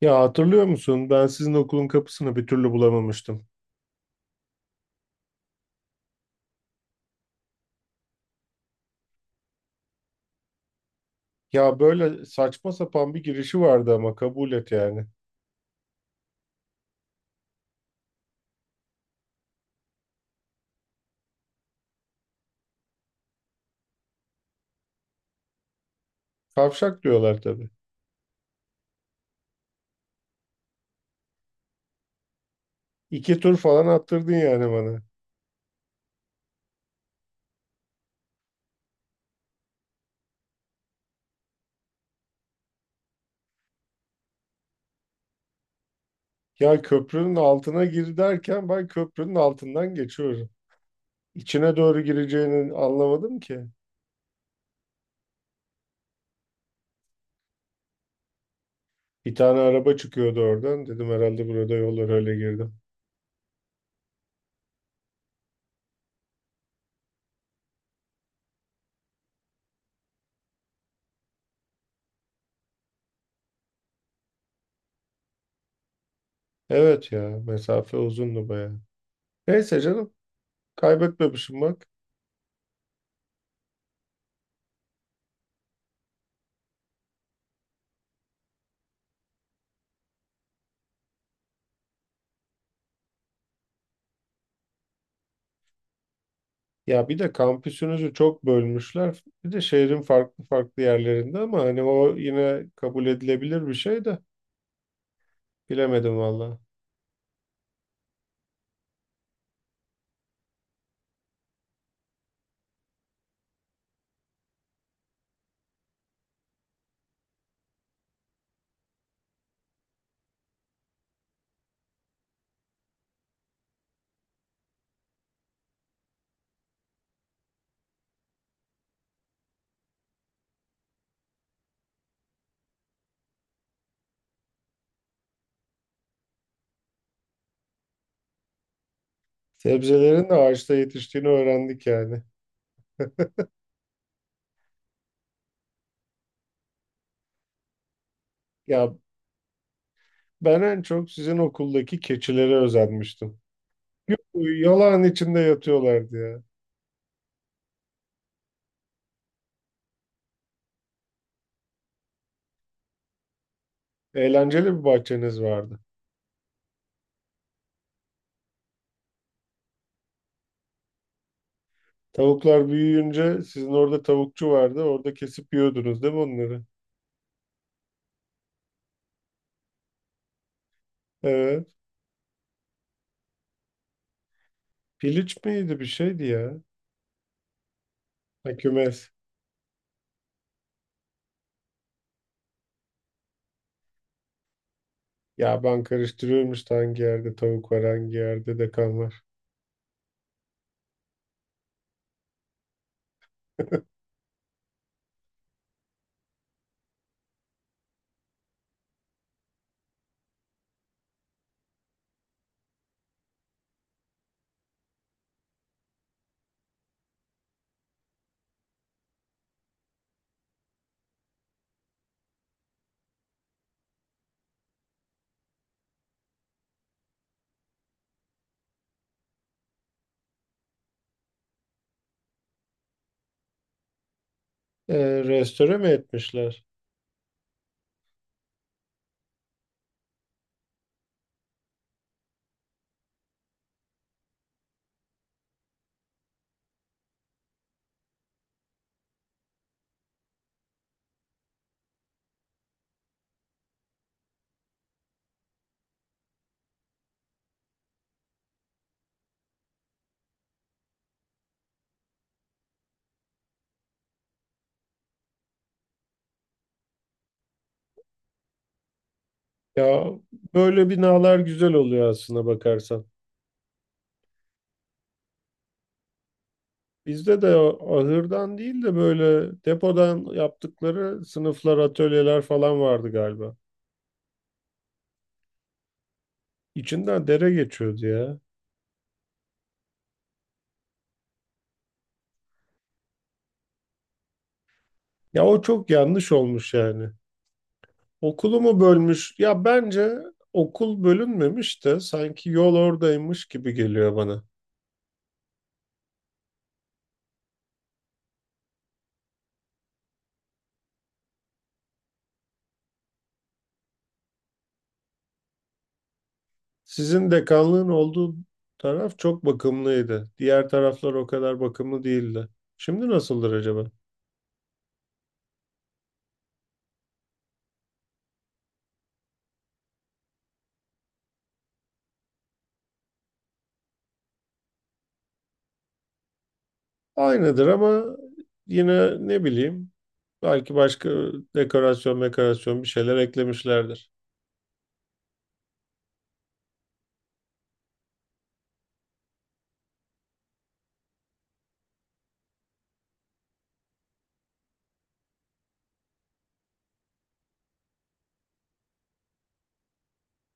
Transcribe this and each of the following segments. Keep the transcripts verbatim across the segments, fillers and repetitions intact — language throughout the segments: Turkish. Ya hatırlıyor musun? Ben sizin okulun kapısını bir türlü bulamamıştım. Ya böyle saçma sapan bir girişi vardı ama kabul et yani. Kavşak diyorlar tabii. İki tur falan attırdın yani bana. Ya köprünün altına gir derken ben köprünün altından geçiyorum. İçine doğru gireceğini anlamadım ki. Bir tane araba çıkıyordu oradan. Dedim herhalde burada yol var öyle girdim. Evet ya mesafe uzundu bayağı. Neyse canım kaybetmemişim bak. Ya bir de kampüsünüzü çok bölmüşler. Bir de şehrin farklı farklı yerlerinde ama hani o yine kabul edilebilir bir şey de bilemedim valla. Sebzelerin de ağaçta yetiştiğini öğrendik yani. Ya ben en çok sizin okuldaki keçilere özenmiştim. Yuh, yalan içinde yatıyorlardı ya. Eğlenceli bir bahçeniz vardı. Tavuklar büyüyünce sizin orada tavukçu vardı. Orada kesip yiyordunuz değil mi onları? Evet. Piliç miydi bir şeydi ya. Ha, kümes. Ya ben karıştırıyormuş da hangi yerde tavuk var hangi yerde de kan var. Ee, restore mi etmişler? Ya böyle binalar güzel oluyor aslında bakarsan. Bizde de o ahırdan değil de böyle depodan yaptıkları sınıflar, atölyeler falan vardı galiba. İçinden dere geçiyordu ya. Ya o çok yanlış olmuş yani. Okulu mu bölmüş? Ya bence okul bölünmemiş de sanki yol oradaymış gibi geliyor bana. Sizin dekanlığın olduğu taraf çok bakımlıydı. Diğer taraflar o kadar bakımlı değildi. Şimdi nasıldır acaba? Aynıdır ama yine ne bileyim belki başka dekorasyon, dekorasyon bir şeyler eklemişlerdir.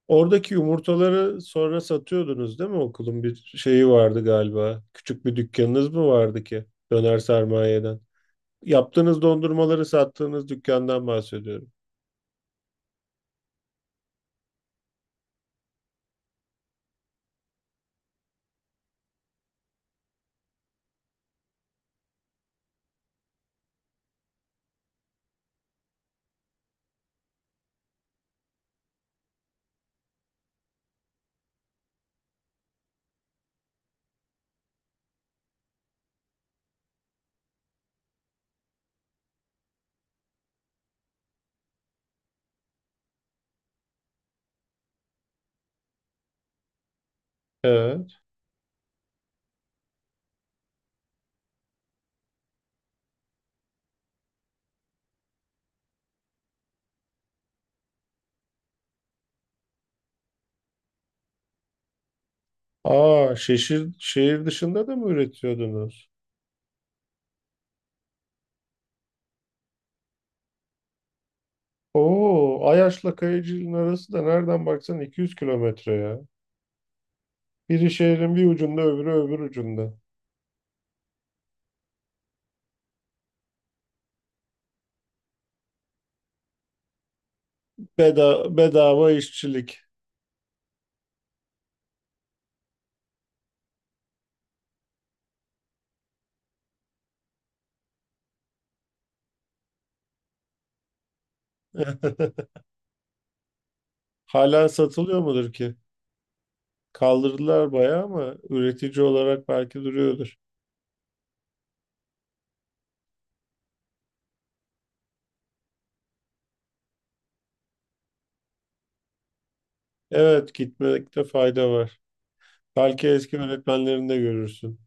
Oradaki yumurtaları sonra satıyordunuz değil mi? Okulun bir şeyi vardı galiba. Küçük bir dükkanınız mı vardı ki? Döner sermayeden. Yaptığınız dondurmaları sattığınız dükkandan bahsediyorum. Evet. Aa, şehir, şehir dışında da mı üretiyordunuz? Oo, Ayaş'la Kayıcı'nın arası da nereden baksan iki yüz kilometre ya. Biri şehrin bir ucunda, öbürü öbür ucunda. Beda bedava işçilik. Hala satılıyor mudur ki? Kaldırdılar bayağı ama üretici olarak belki duruyordur. Evet, gitmekte fayda var. Belki eski öğretmenlerini de görürsün.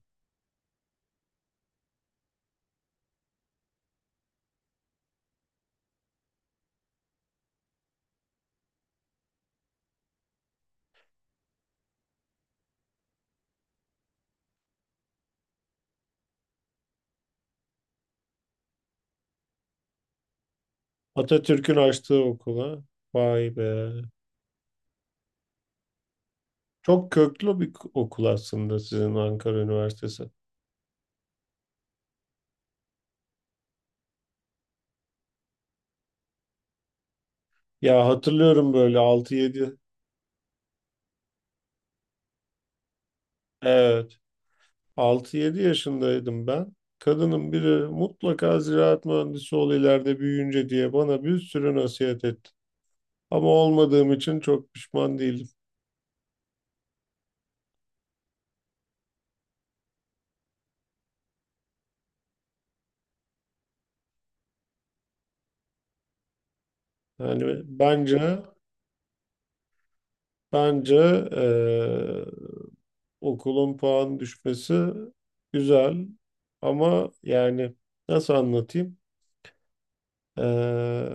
Atatürk'ün açtığı okula. Vay be. Çok köklü bir okul aslında sizin Ankara Üniversitesi. Ya hatırlıyorum böyle altı yedi. Evet. Altı yedi yaşındaydım ben. Kadının biri mutlaka ziraat mühendisi ol ileride büyüyünce diye bana bir sürü nasihat etti. Ama olmadığım için çok pişman değilim. Yani bence bence eee, okulun puan düşmesi güzel ama yani nasıl anlatayım? Eee,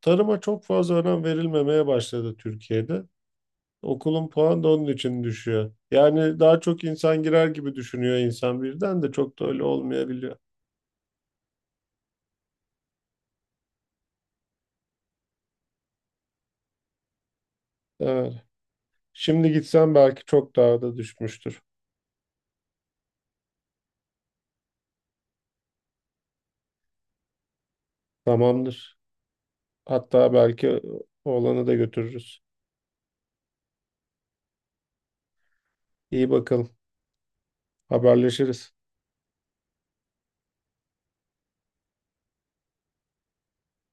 Tarıma çok fazla önem verilmemeye başladı Türkiye'de. Okulun puanı da onun için düşüyor. Yani daha çok insan girer gibi düşünüyor insan birden de çok da öyle olmayabiliyor. Evet. Şimdi gitsen belki çok daha da düşmüştür. Tamamdır. Hatta belki oğlanı da götürürüz. İyi bakalım. Haberleşiriz.